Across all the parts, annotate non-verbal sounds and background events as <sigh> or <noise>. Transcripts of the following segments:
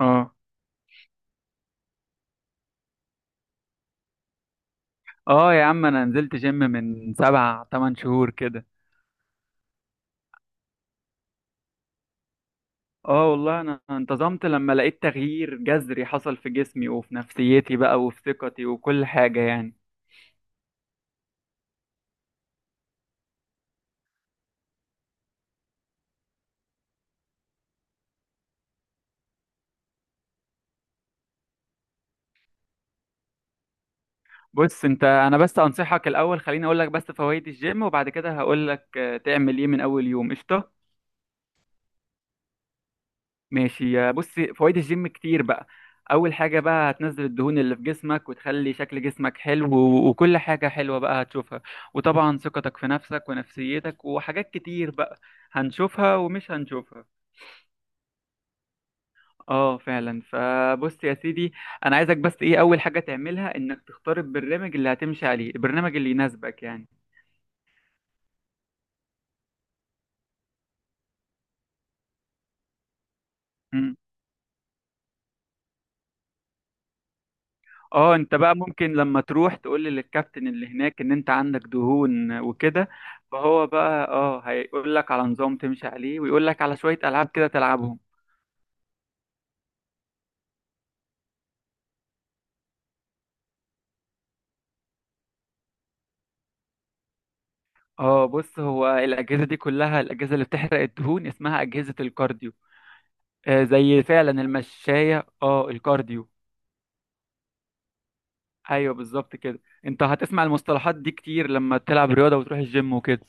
اه اه، يا عم انا نزلت جيم من سبع تمن شهور كده. اه، والله انا انتظمت لما لقيت تغيير جذري حصل في جسمي، وفي نفسيتي بقى، وفي ثقتي، وكل حاجة يعني. بص انت، انا بس انصحك الاول، خليني اقول لك بس فوائد الجيم، وبعد كده هقول لك تعمل ايه من اول يوم. قشطة. ماشي يا بص. فوائد الجيم كتير بقى. اول حاجه بقى هتنزل الدهون اللي في جسمك، وتخلي شكل جسمك حلو، و- وكل حاجه حلوه بقى هتشوفها. وطبعا ثقتك في نفسك ونفسيتك وحاجات كتير بقى هنشوفها ومش هنشوفها. اه فعلا. فبص يا سيدي، انا عايزك بس ايه اول حاجه تعملها انك تختار البرنامج اللي هتمشي عليه، البرنامج اللي يناسبك يعني. اه، انت بقى ممكن لما تروح تقول للكابتن اللي هناك ان انت عندك دهون وكده، فهو بقى هيقول لك على نظام تمشي عليه، ويقول لك على شوية العاب كده تلعبهم. اه بص، هو الاجهزة دي كلها، الاجهزة اللي بتحرق الدهون اسمها اجهزة الكارديو. آه، زي فعلا المشاية، اه الكارديو. ايوه بالظبط كده. انت هتسمع المصطلحات دي كتير لما تلعب رياضة وتروح الجيم وكده.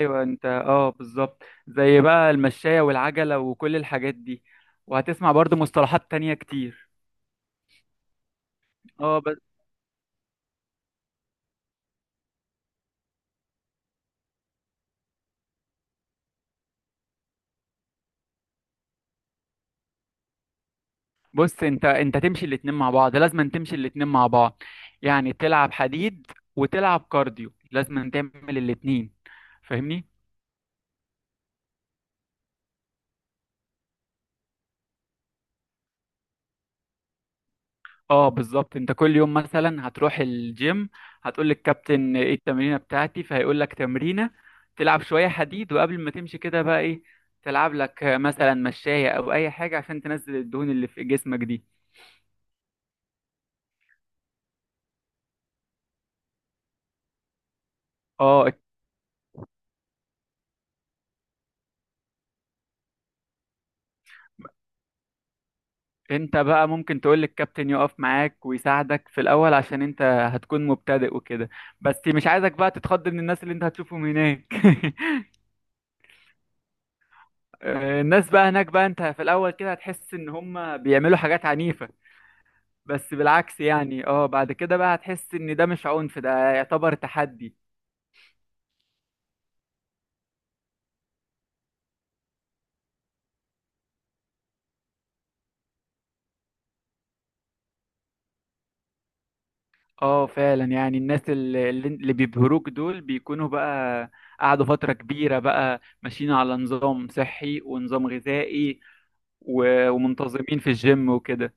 ايوه، انت اه بالظبط زي بقى المشاية والعجلة وكل الحاجات دي. وهتسمع برضو مصطلحات تانية كتير. اه بس، بص انت تمشي الاتنين مع بعض، لازم تمشي الاتنين مع بعض. يعني تلعب حديد وتلعب كارديو، لازم تعمل الاتنين، فاهمني؟ اه بالظبط. انت كل يوم مثلا هتروح الجيم، هتقول للكابتن ايه التمرينه بتاعتي، فهيقول لك تمرينه تلعب شويه حديد. وقبل ما تمشي كده بقى ايه، تلعب لك مثلا مشاية او اي حاجه عشان تنزل الدهون اللي في جسمك دي. اه، انت بقى ممكن تقول للكابتن يقف معاك ويساعدك في الاول، عشان انت هتكون مبتدئ وكده. بس مش عايزك بقى تتخض من الناس اللي انت هتشوفهم هناك. <laughs> الناس بقى هناك بقى، انت في الاول كده هتحس ان هم بيعملوا حاجات عنيفه. بس بالعكس يعني، اه بعد كده بقى هتحس ان ده مش عنف، ده يعتبر تحدي. اه فعلا. يعني الناس اللي بيبهروك دول بيكونوا بقى قعدوا فترة كبيرة بقى ماشيين على نظام صحي ونظام غذائي، و- ومنتظمين في الجيم وكده.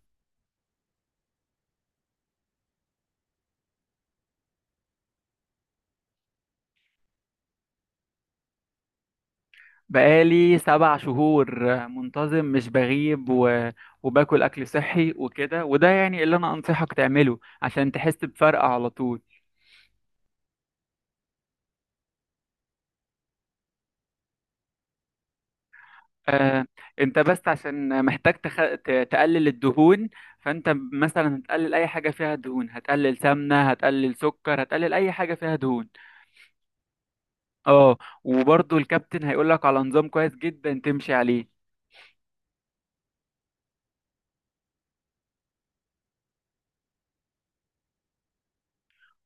بقالي 7 شهور منتظم، مش بغيب، و... وباكل أكل صحي وكده، وده يعني اللي أنا أنصحك تعمله عشان تحس بفرق على طول. آه، انت بس عشان محتاج تقلل الدهون. فانت مثلا هتقلل اي حاجه فيها دهون، هتقلل سمنه، هتقلل سكر، هتقلل اي حاجه فيها دهون. اه، وبرضو الكابتن هيقول لك على نظام كويس جدا تمشي عليه.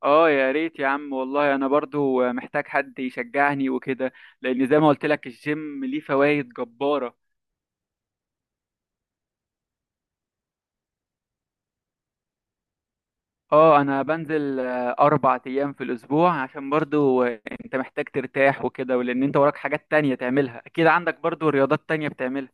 اه يا ريت يا عم، والله انا برضو محتاج حد يشجعني وكده، لان زي ما قلت لك الجيم ليه فوائد جباره. اه، انا بنزل 4 ايام في الاسبوع، عشان برضو انت محتاج ترتاح وكده، ولان انت وراك حاجات تانية تعملها، اكيد عندك برضو رياضات تانية بتعملها.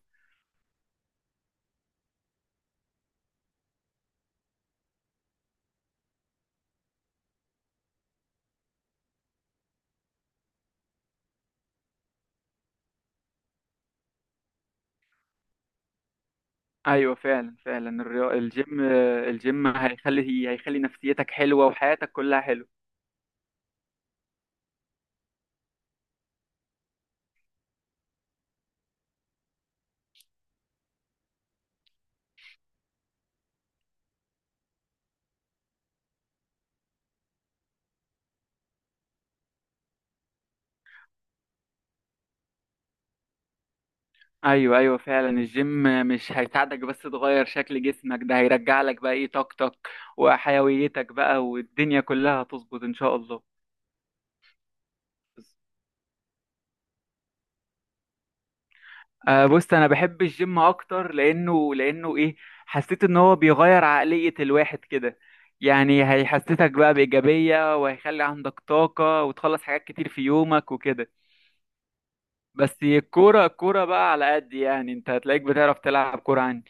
ايوه فعلا فعلا. الجيم، الجيم هيخلي نفسيتك حلوة وحياتك كلها حلوة. ايوه ايوه فعلا. الجيم مش هيساعدك بس تغير شكل جسمك، ده هيرجع لك بقى ايه طاقتك وحيويتك بقى، والدنيا كلها هتظبط ان شاء الله. بص انا بحب الجيم اكتر لانه ايه، حسيت ان هو بيغير عقلية الواحد كده. يعني هيحسسك بقى بإيجابية، وهيخلي عندك طاقة، وتخلص حاجات كتير في يومك وكده. بس الكورة، الكورة بقى على قد يعني، انت هتلاقيك بتعرف تلعب كورة عني.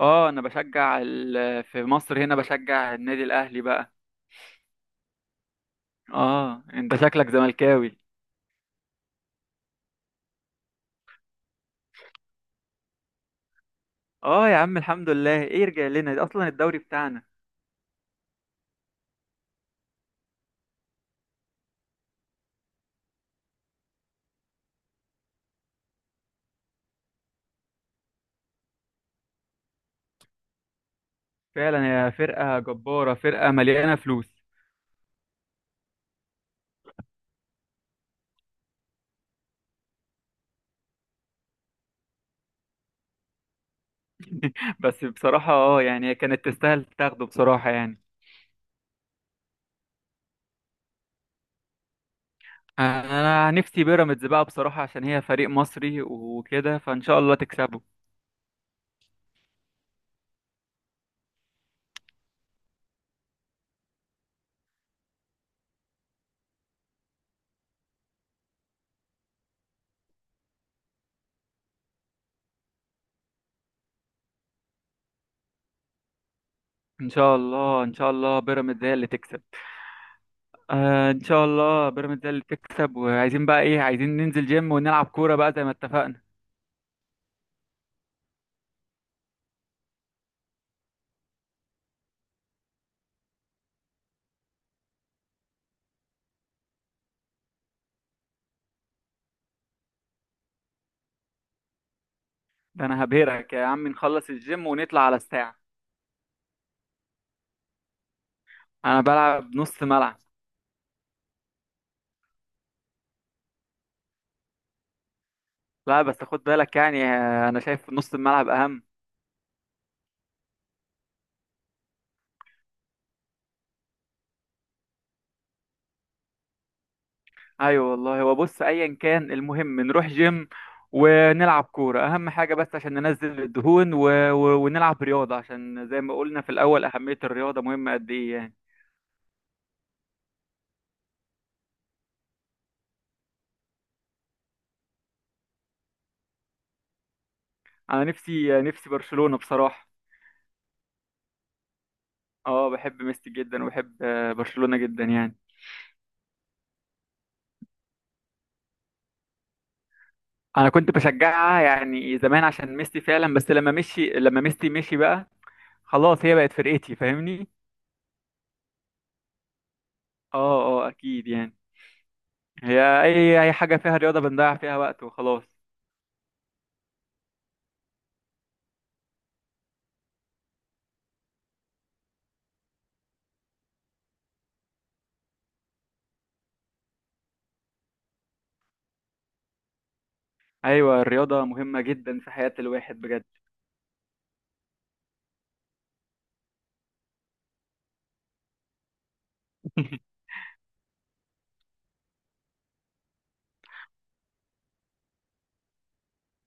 اه، انا بشجع في مصر هنا بشجع النادي الاهلي بقى. اه، انت شكلك زملكاوي. اه يا عم، الحمد لله. ايه يرجع لنا؟ ده اصلا الدوري بتاعنا. فعلا، يا فرقة جبارة، فرقة مليانة فلوس. <laughs> بس بصراحة اه يعني هي كانت تستاهل تاخده بصراحة يعني. انا نفسي بيراميدز بقى بصراحة، عشان هي فريق مصري وكده، فان شاء الله تكسبه. ان شاء الله، ان شاء الله بيراميدز هي اللي تكسب. ان شاء الله بيراميدز هي اللي تكسب. وعايزين بقى ايه، عايزين ننزل جيم ونلعب كورة بقى زي ما اتفقنا. ده انا هبهرك يا عم، نخلص الجيم ونطلع على الساعة. انا بلعب نص ملعب. لا بس خد بالك يعني، انا شايف نص الملعب اهم. ايوه والله، هو بص، ايا كان المهم نروح جيم ونلعب كوره، اهم حاجه بس عشان ننزل الدهون، و... و... ونلعب رياضه، عشان زي ما قلنا في الاول اهميه الرياضه مهمه قد ايه يعني. انا نفسي برشلونه بصراحه. اه، بحب ميسي جدا، وبحب برشلونه جدا يعني. انا كنت بشجعها يعني زمان عشان ميسي فعلا. بس لما ميسي مشي بقى، خلاص هي بقت فرقتي، فاهمني؟ اه، اكيد يعني. هي اي حاجه فيها رياضه بنضيع فيها وقت وخلاص. ايوه، الرياضه مهمه جدا في حياه الواحد بجد.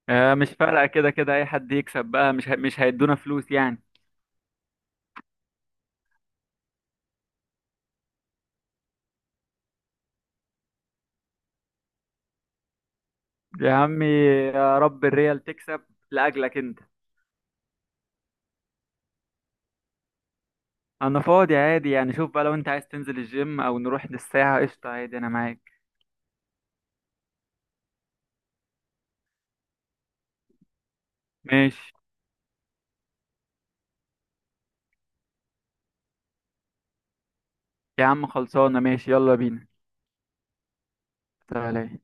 مش فارقه، كده كده اي حد يكسب بقى مش هيدونا فلوس يعني. يا عمي، يا رب الريال تكسب لاجلك انت. انا فاضي عادي يعني، شوف بقى لو انت عايز تنزل الجيم او نروح للساعه قشطه عادي، انا معاك. ماشي يا عم، خلصانه ماشي، يلا بينا. سلام.